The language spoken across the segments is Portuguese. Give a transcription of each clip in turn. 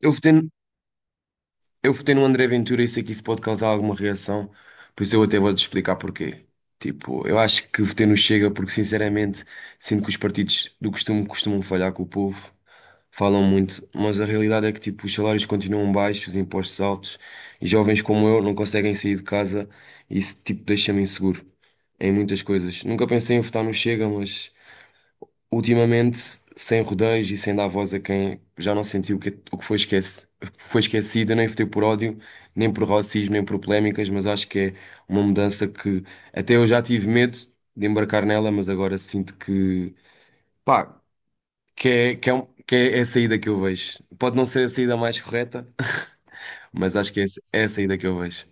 Eu votei, eu votei no André Ventura e sei que isso pode causar alguma reação, por isso eu até vou-te explicar porquê. Tipo, eu acho que votei no Chega porque, sinceramente, sinto que os partidos do costume costumam falhar com o povo, falam muito, mas a realidade é que, tipo, os salários continuam baixos, os impostos altos, e jovens como eu não conseguem sair de casa e isso, tipo, deixa-me inseguro em muitas coisas. Nunca pensei em votar no Chega, mas ultimamente, sem rodeios e sem dar voz a quem já não sentiu o que, é, o que foi esquece, o que foi esquecido, eu nem votei por ódio, nem por racismo, nem por polémicas, mas acho que é uma mudança que até eu já tive medo de embarcar nela, mas agora sinto que, pá, que é a saída que eu vejo. Pode não ser a saída mais correta, mas acho que é, é a saída que eu vejo.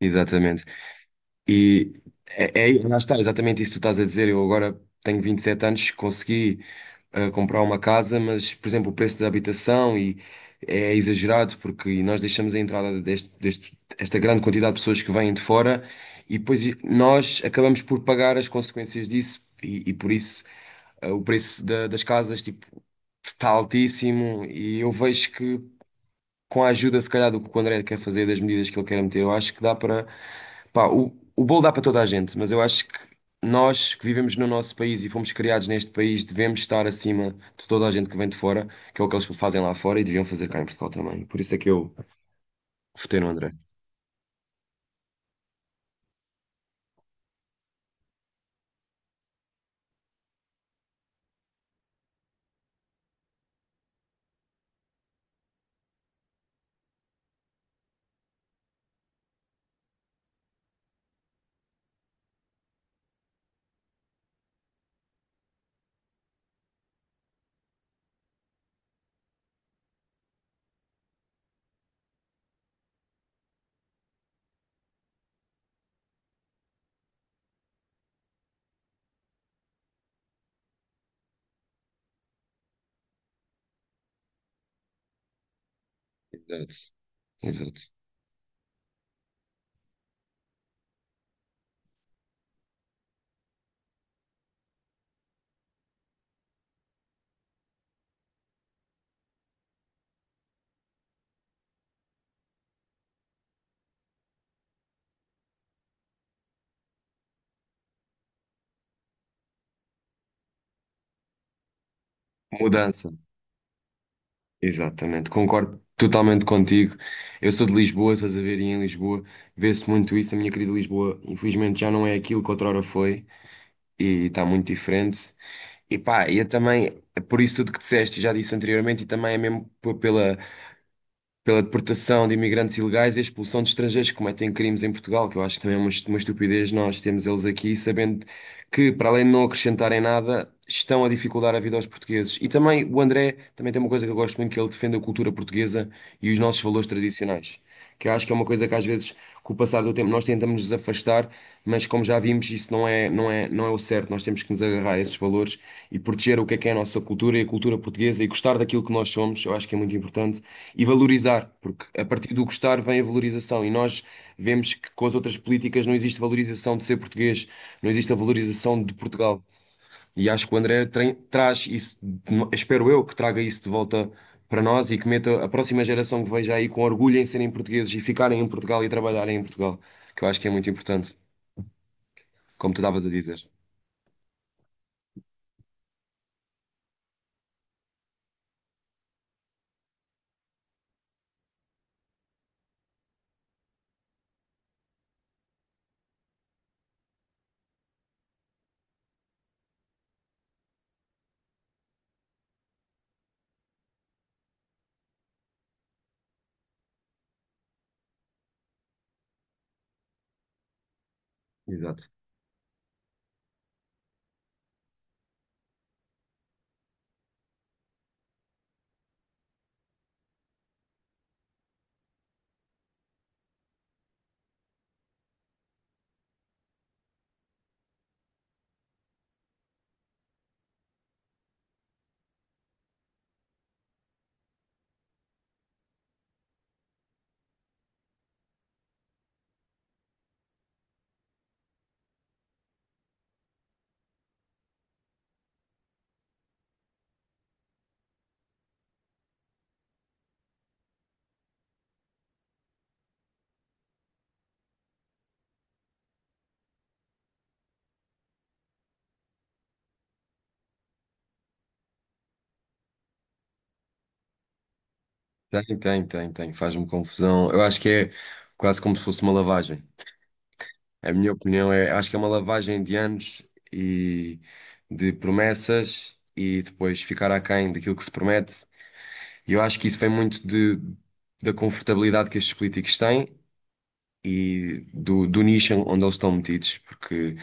Exatamente. E lá está, exatamente isso que tu estás a dizer. Eu agora tenho 27 anos, consegui. A comprar uma casa, mas, por exemplo, o preço da habitação e é exagerado porque nós deixamos a entrada esta grande quantidade de pessoas que vêm de fora e depois nós acabamos por pagar as consequências disso e por isso o preço da- das casas tipo, está altíssimo e eu vejo que com a ajuda, se calhar, do que o André quer fazer, das medidas que ele quer meter, eu acho que dá para. Pá, o bolo dá para toda a gente, mas eu acho que nós que vivemos no nosso país e fomos criados neste país devemos estar acima de toda a gente que vem de fora, que é o que eles fazem lá fora e deviam fazer cá em Portugal também. Por isso é que eu votei no André. Exato, exato. Mudança. Exatamente, concordo totalmente contigo. Eu sou de Lisboa, estás a ver, e em Lisboa vê-se muito isso. A minha querida Lisboa, infelizmente, já não é aquilo que outrora foi e está muito diferente. E pá, eu também, é por isso tudo que disseste, já disse anteriormente, e também é mesmo pela, pela deportação de imigrantes ilegais e a expulsão de estrangeiros que cometem crimes em Portugal, que eu acho que também é uma estupidez nós termos eles aqui, sabendo que, para além de não acrescentarem nada, estão a dificultar a vida aos portugueses. E também o André também tem uma coisa que eu gosto muito, que ele defende a cultura portuguesa e os nossos valores tradicionais. Que eu acho que é uma coisa que às vezes, com o passar do tempo, nós tentamos nos afastar, mas como já vimos, não é o certo. Nós temos que nos agarrar a esses valores e proteger o que é a nossa cultura e a cultura portuguesa e gostar daquilo que nós somos. Eu acho que é muito importante. E valorizar, porque a partir do gostar vem a valorização, e nós vemos que com as outras políticas não existe valorização de ser português, não existe a valorização de Portugal. E acho que o André traz isso, espero eu que traga isso de volta para nós e que meta a próxima geração que veja aí com orgulho em serem portugueses e ficarem em Portugal e trabalharem em Portugal, que eu acho que é muito importante, como tu estavas a dizer. Exato. Tem, faz-me confusão. Eu acho que é quase como se fosse uma lavagem. A minha opinião é, acho que é uma lavagem de anos e de promessas e depois ficar aquém daquilo que se promete. E eu acho que isso vem muito da confortabilidade que estes políticos têm e do nicho onde eles estão metidos. Porque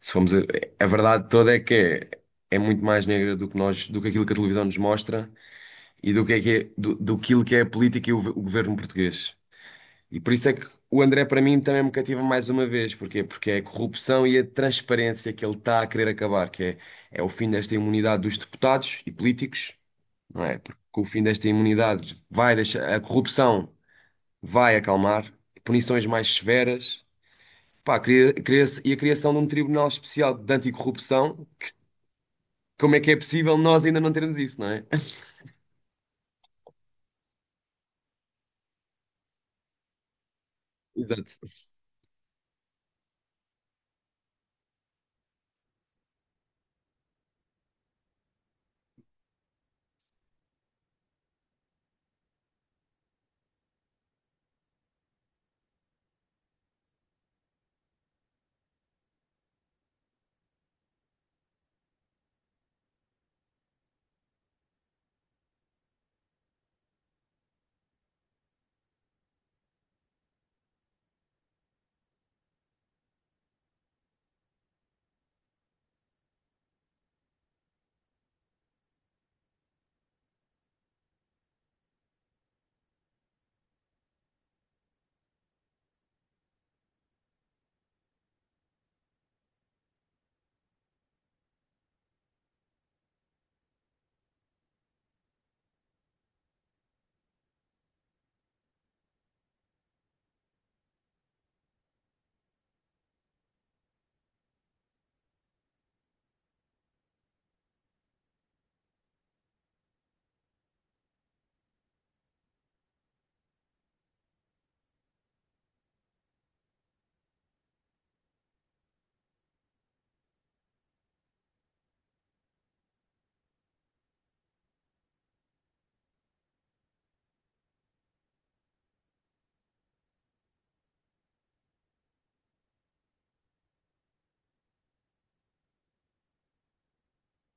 se formos a verdade toda é que é, é muito mais negra do que nós, do que aquilo que a televisão nos mostra e do que é, do aquilo que é a política e o governo português. E por isso é que o André, para mim, também me cativa mais uma vez. Porquê? Porque é a corrupção e a transparência que ele está a querer acabar, que é, é o fim desta imunidade dos deputados e políticos, não é? Porque com o fim desta imunidade vai deixar, a corrupção vai acalmar, punições mais severas, pá, e a criação de um tribunal especial de anticorrupção, como é que é possível nós ainda não termos isso, não é? Exato.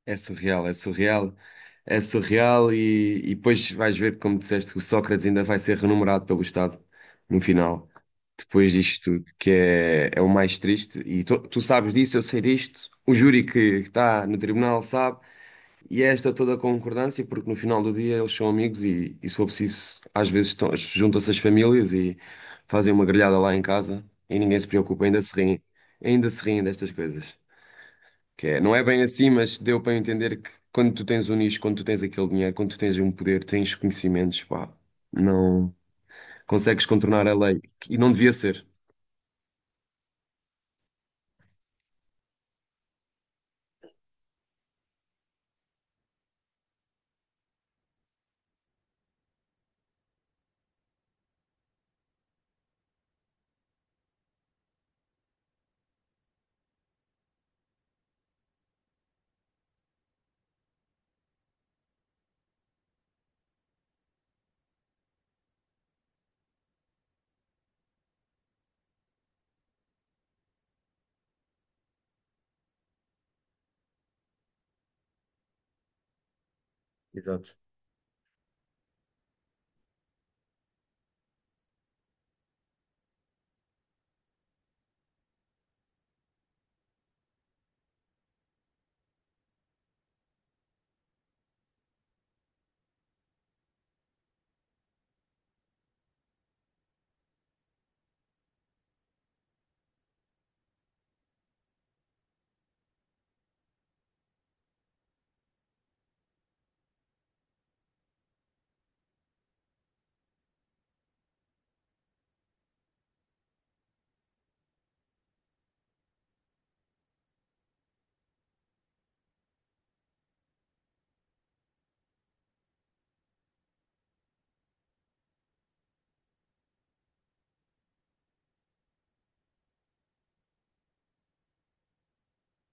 É surreal, é surreal, é surreal e depois vais ver, como disseste, que o Sócrates ainda vai ser renumerado pelo Estado no final, depois disto tudo, que é, é o mais triste. E tu, tu sabes disso, eu sei disto, o júri que está no tribunal sabe, e é esta toda a concordância, porque no final do dia eles são amigos e se for preciso, às vezes estão- juntam-se as famílias e fazem uma grelhada lá em casa e ninguém se preocupa, ainda se riem destas coisas. Que é, não é bem assim, mas deu para eu entender que quando tu tens um nicho, quando tu tens aquele dinheiro, quando tu tens um poder, tens conhecimentos, pá, não consegues contornar a lei. E não devia ser. Exato.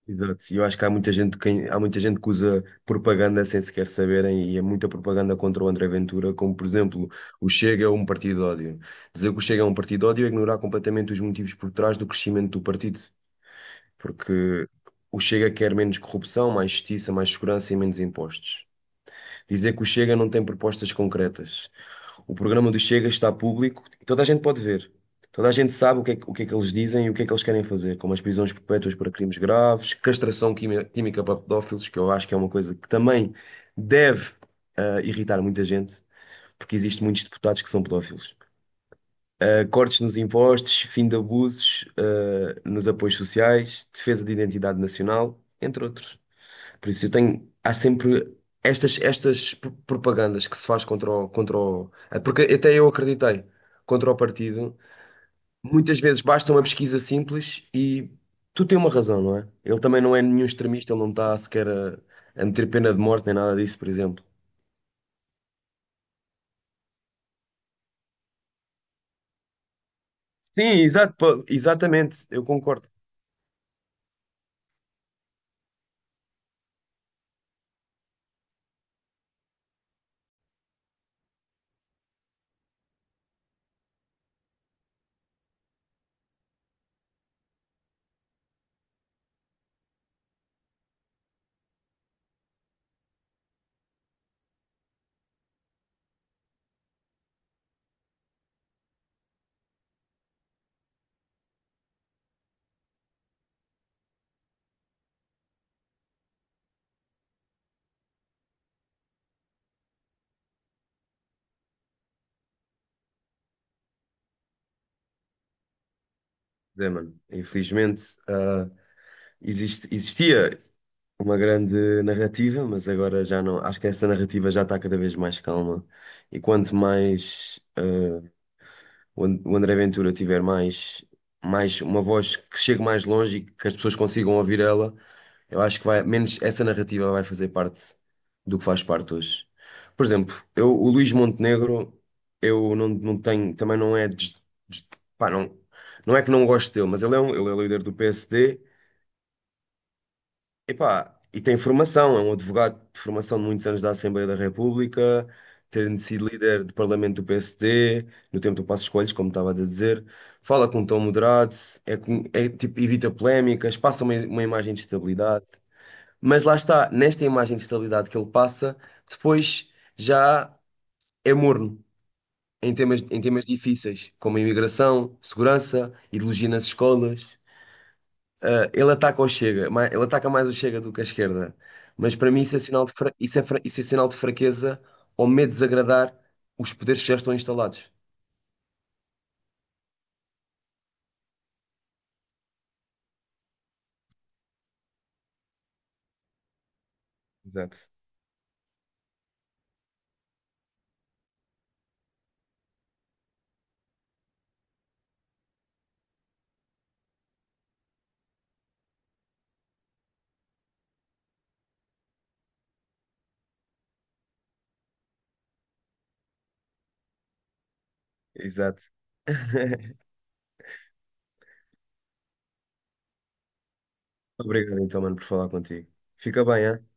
Exato. E eu acho que há muita gente que, há muita gente que usa propaganda sem sequer saberem, e é muita propaganda contra o André Ventura, como por exemplo, o Chega é um partido de ódio. Dizer que o Chega é um partido de ódio é ignorar completamente os motivos por trás do crescimento do partido, porque o Chega quer menos corrupção, mais justiça, mais segurança e menos impostos. Dizer que o Chega não tem propostas concretas. O programa do Chega está público e toda a gente pode ver. Toda a gente sabe o que é que eles dizem e o que é que eles querem fazer, como as prisões perpétuas para crimes graves, castração química para pedófilos, que eu acho que é uma coisa que também deve irritar muita gente, porque existem muitos deputados que são pedófilos. Cortes nos impostos, fim de abusos, nos apoios sociais, defesa de identidade nacional, entre outros. Por isso eu tenho, há sempre estas, propagandas que se faz porque até eu acreditei, contra o partido, muitas vezes basta uma pesquisa simples e tu tens uma razão, não é? Ele também não é nenhum extremista, ele não está sequer a meter pena de morte nem nada disso, por exemplo. Sim, exato, pô, exatamente, eu concordo. É, mano, infelizmente, existia uma grande narrativa, mas agora já não. Acho que essa narrativa já está cada vez mais calma. E quanto mais o André Ventura tiver mais, mais uma voz que chegue mais longe e que as pessoas consigam ouvir ela, eu acho que vai, menos essa narrativa vai fazer parte do que faz parte hoje. Por exemplo, eu, o Luís Montenegro, eu não, não tenho, também não é. Des- pá, não, não é que não gosto dele, mas ele é líder do PSD. Epá, e tem formação, é um advogado de formação de muitos anos da Assembleia da República, tendo sido líder do Parlamento do PSD, no tempo do Passos Coelho, como estava a dizer, fala com um tom moderado, é, tipo, evita polémicas, uma imagem de estabilidade. Mas lá está, nesta imagem de estabilidade que ele passa, depois já é morno em temas difíceis, como a imigração, segurança, ideologia nas escolas. Ele ataca mais o Chega do que a esquerda. Mas para mim isso é sinal de, isso é sinal de fraqueza ou medo de desagradar os poderes que já estão instalados. Exato, exato. Obrigado então, mano, por falar contigo. Fica bem, hein?